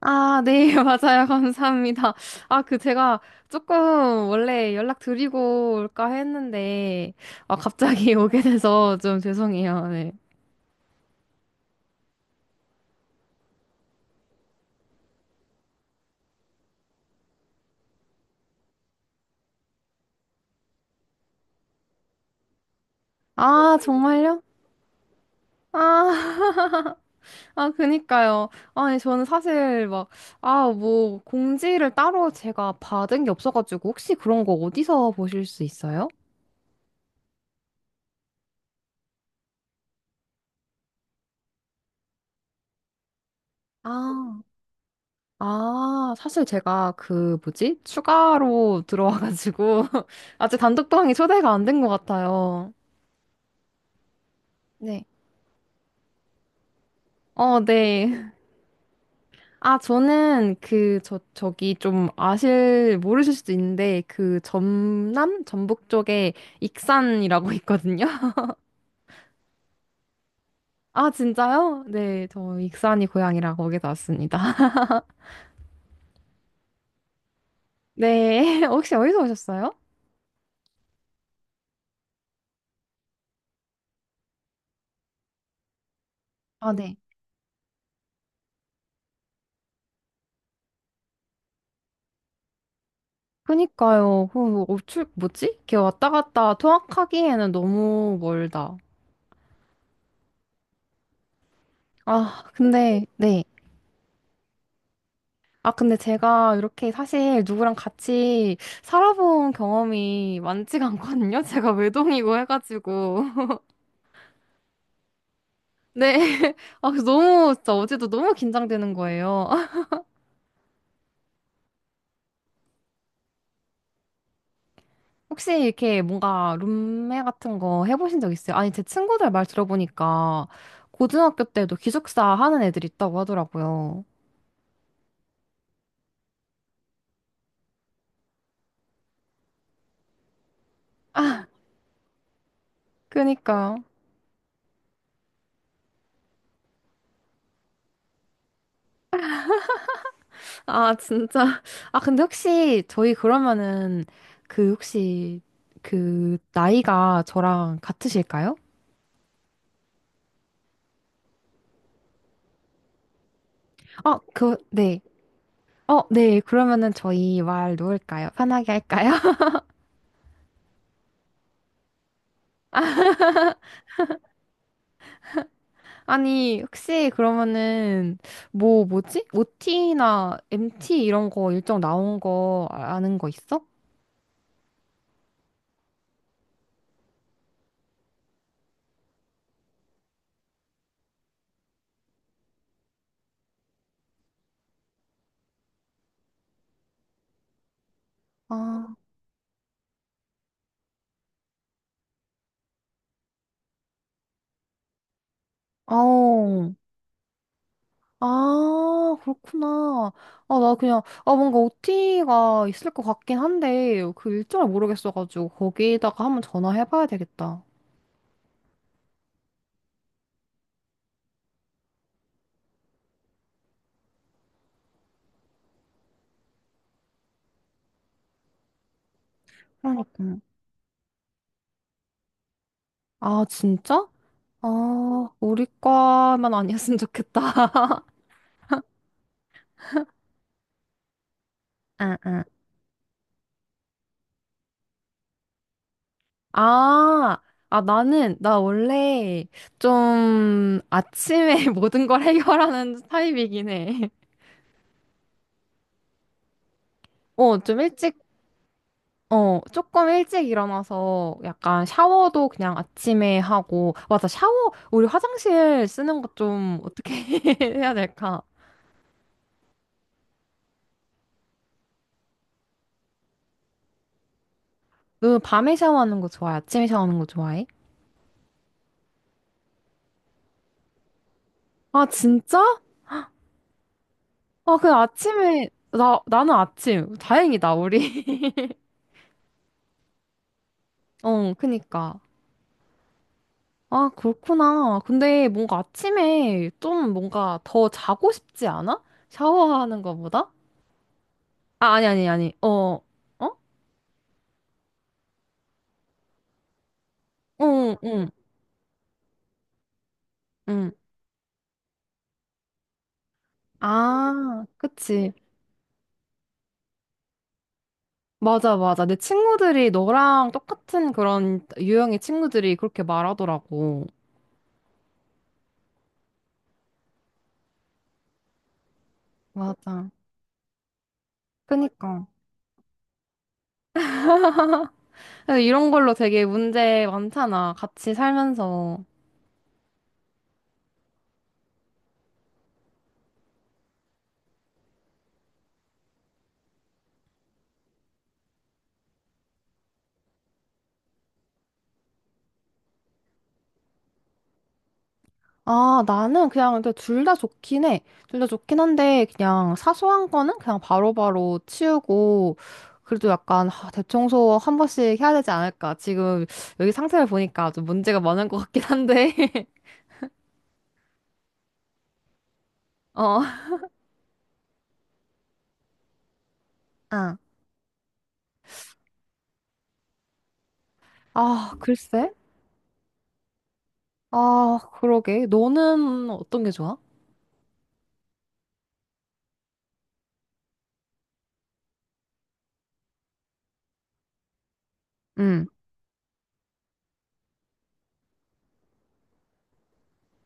아, 네, 맞아요. 감사합니다. 아, 그 제가 조금 원래 연락드리고 올까 했는데, 아, 갑자기 오게 돼서 좀 죄송해요. 네. 아, 정말요? 아, 아, 그니까요. 아니, 저는 사실 막, 아, 뭐, 공지를 따로 제가 받은 게 없어가지고, 혹시 그런 거 어디서 보실 수 있어요? 아. 아, 사실 제가 그 뭐지? 추가로 들어와가지고 아직 단독 방이 초대가 안 된 것 같아요. 네. 어, 네. 아, 저는 그, 저, 저기 좀 아실, 모르실 수도 있는데, 그 전남? 전북 쪽에 익산이라고 있거든요. 아, 진짜요? 네, 저 익산이 고향이라 거기서 왔습니다. 네, 혹시 어디서 오셨어요? 아, 네. 그니까요. 그, 뭐 어출, 뭐지? 이렇게 왔다 갔다 통학하기에는 너무 멀다. 아, 근데, 네. 아, 근데 제가 이렇게 사실 누구랑 같이 살아본 경험이 많지가 않거든요. 제가 외동이고 해가지고. 네. 아, 그래서 너무, 진짜 어제도 너무 긴장되는 거예요. 혹시 이렇게 뭔가 룸메 같은 거 해보신 적 있어요? 아니, 제 친구들 말 들어보니까 고등학교 때도 기숙사 하는 애들 있다고 하더라고요. 그니까요. 아, 진짜. 아, 근데 혹시 저희 그러면은 그 혹시 그 나이가 저랑 같으실까요? 어, 그, 네. 어, 네. 그러면은 저희 말 놓을까요? 편하게 할까요? 아니, 혹시 그러면은 뭐, 뭐지? OT나 MT 이런 거 일정 나온 거 아는 거 있어? 아, 어. 아, 그렇구나. 아, 나 그냥, 아, 뭔가 OT가 있을 것 같긴 한데, 그 일정을 모르겠어가지고, 거기다가 한번 전화해봐야 되겠다. 그러니까. 아, 진짜? 아, 우리 과만 아니었으면 좋겠다. 응, 응. 아, 아, 나 원래 좀 아침에 모든 걸 해결하는 타입이긴 해. 어, 조금 일찍 일어나서 약간 샤워도 그냥 아침에 하고, 맞아, 샤워, 우리 화장실 쓰는 거 좀 어떻게 해야 될까? 너 밤에 샤워하는 거 좋아해? 아침에 샤워하는 거 좋아해? 아, 진짜? 아, 그 아침에, 나는 아침. 다행이다, 우리. 어, 그니까. 아, 그렇구나. 근데 뭔가 아침에 좀 뭔가 더 자고 싶지 않아? 샤워하는 거보다? 아, 아니, 아니, 아니. 어, 어? 응, 응, 응. 아, 그치. 맞아, 맞아. 내 친구들이 너랑 똑같은 그런 유형의 친구들이 그렇게 말하더라고. 맞아. 그니까. 근데 이런 걸로 되게 문제 많잖아. 같이 살면서. 아, 나는 그냥 둘 다 좋긴 해. 둘 다 좋긴 한데, 그냥 사소한 거는 그냥 바로바로 치우고, 그래도 약간 아, 대청소 한 번씩 해야 되지 않을까. 지금 여기 상태를 보니까 좀 문제가 많은 것 같긴 한데. 어. 아, 아, 글쎄. 아, 그러게. 너는 어떤 게 좋아? 응,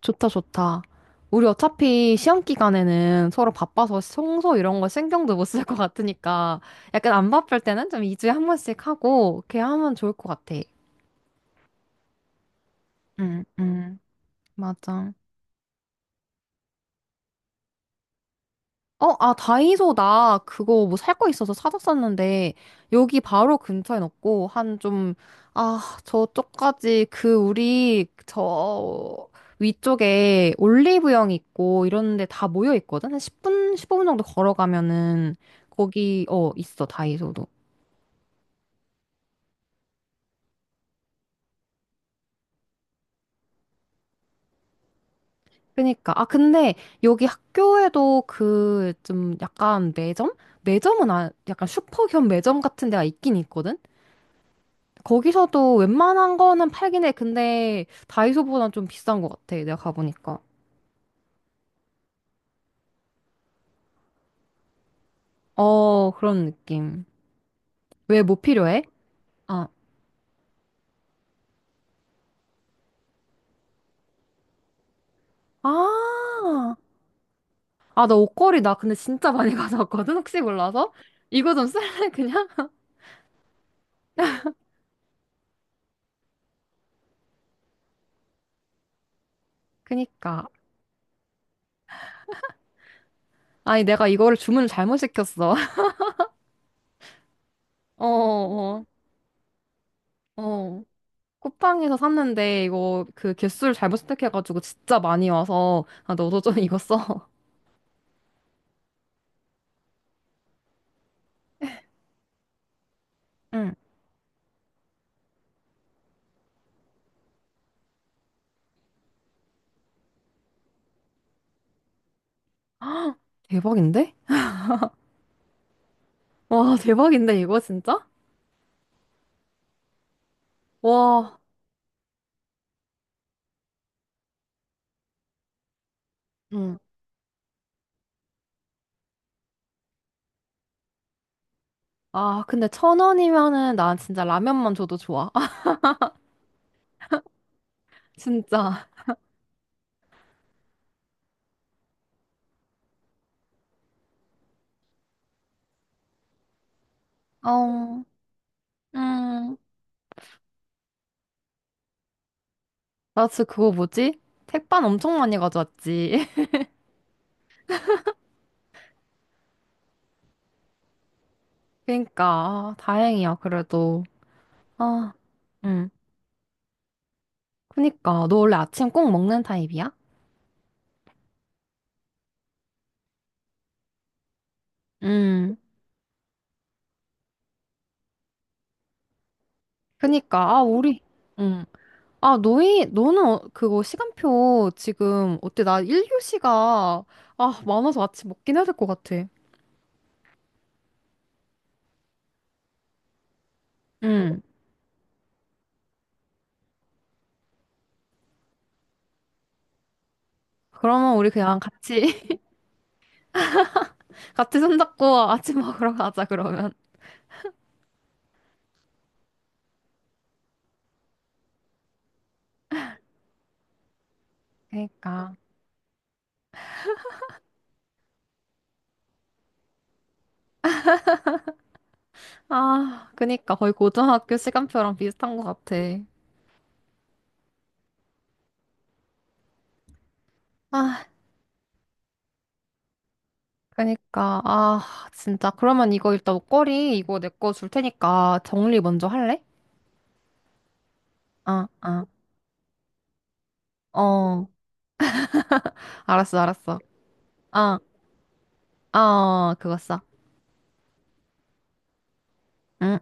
좋다, 좋다. 우리 어차피 시험 기간에는 서로 바빠서 청소 이런 거 신경도 못 쓸 것 같으니까 약간 안 바쁠 때는 좀 2주에 한 번씩 하고 이렇게 하면 좋을 것 같아. 응, 응. 맞아. 어, 아, 다이소 나 그거 뭐 살 거 있어서 사놨었는데 여기 바로 근처엔 없고 한 좀, 아, 저쪽까지 그 우리 저 위쪽에 올리브영 있고 이런 데 다 모여 있거든? 한 10분, 15분 정도 걸어가면은 거기, 어, 있어, 다이소도. 그니까. 아, 근데 여기 학교에도 그 좀 약간 매점? 매점은 아, 약간 슈퍼 겸 매점 같은 데가 있긴 있거든? 거기서도 웬만한 거는 팔긴 해. 근데 다이소보단 좀 비싼 것 같아. 내가 가보니까. 어, 그런 느낌. 왜 뭐 필요해? 아, 아, 아, 나 옷걸이 나 근데 진짜 많이 가져왔거든? 혹시 몰라서? 이거 좀 쓸래, 그냥? 그니까. 아니, 내가 이거를 주문을 잘못 시켰어. 어, 어, 어. 쿠팡에서 샀는데 이거 그 개수를 잘못 선택해가지고 진짜 많이 와서 아, 너도 좀 이거 써. 응. 대박인데? 와, 대박인데, 이거 진짜? 와. 응. 아, 근데 천 원이면은 난 진짜 라면만 줘도 좋아. 진짜. 어, 음. 나 진짜 그거 뭐지? 택반 엄청 많이 가져왔지. 그니까, 아, 다행이야, 그래도. 아, 응. 그니까, 너 원래 아침 꼭 먹는 타입이야? 음. 그니까, 아, 우리, 응. 아, 너희, 너는 어- 그거 시간표 지금, 어때? 나 일교시가 아, 많아서 아침 먹긴 해야 될 것 같아. 응. 그러면 우리 그냥 같이 손잡고 아침 먹으러 가자, 그러면. 그니까. 아, 그니까 거의 고등학교 시간표랑 비슷한 것 같아. 아, 그니까. 아, 진짜. 그러면 이거 일단 목걸이 이거 내 거 줄 테니까 정리 먼저 할래? 아, 아. 어. 알았어, 알았어. 아, 아, 그거 써. 응?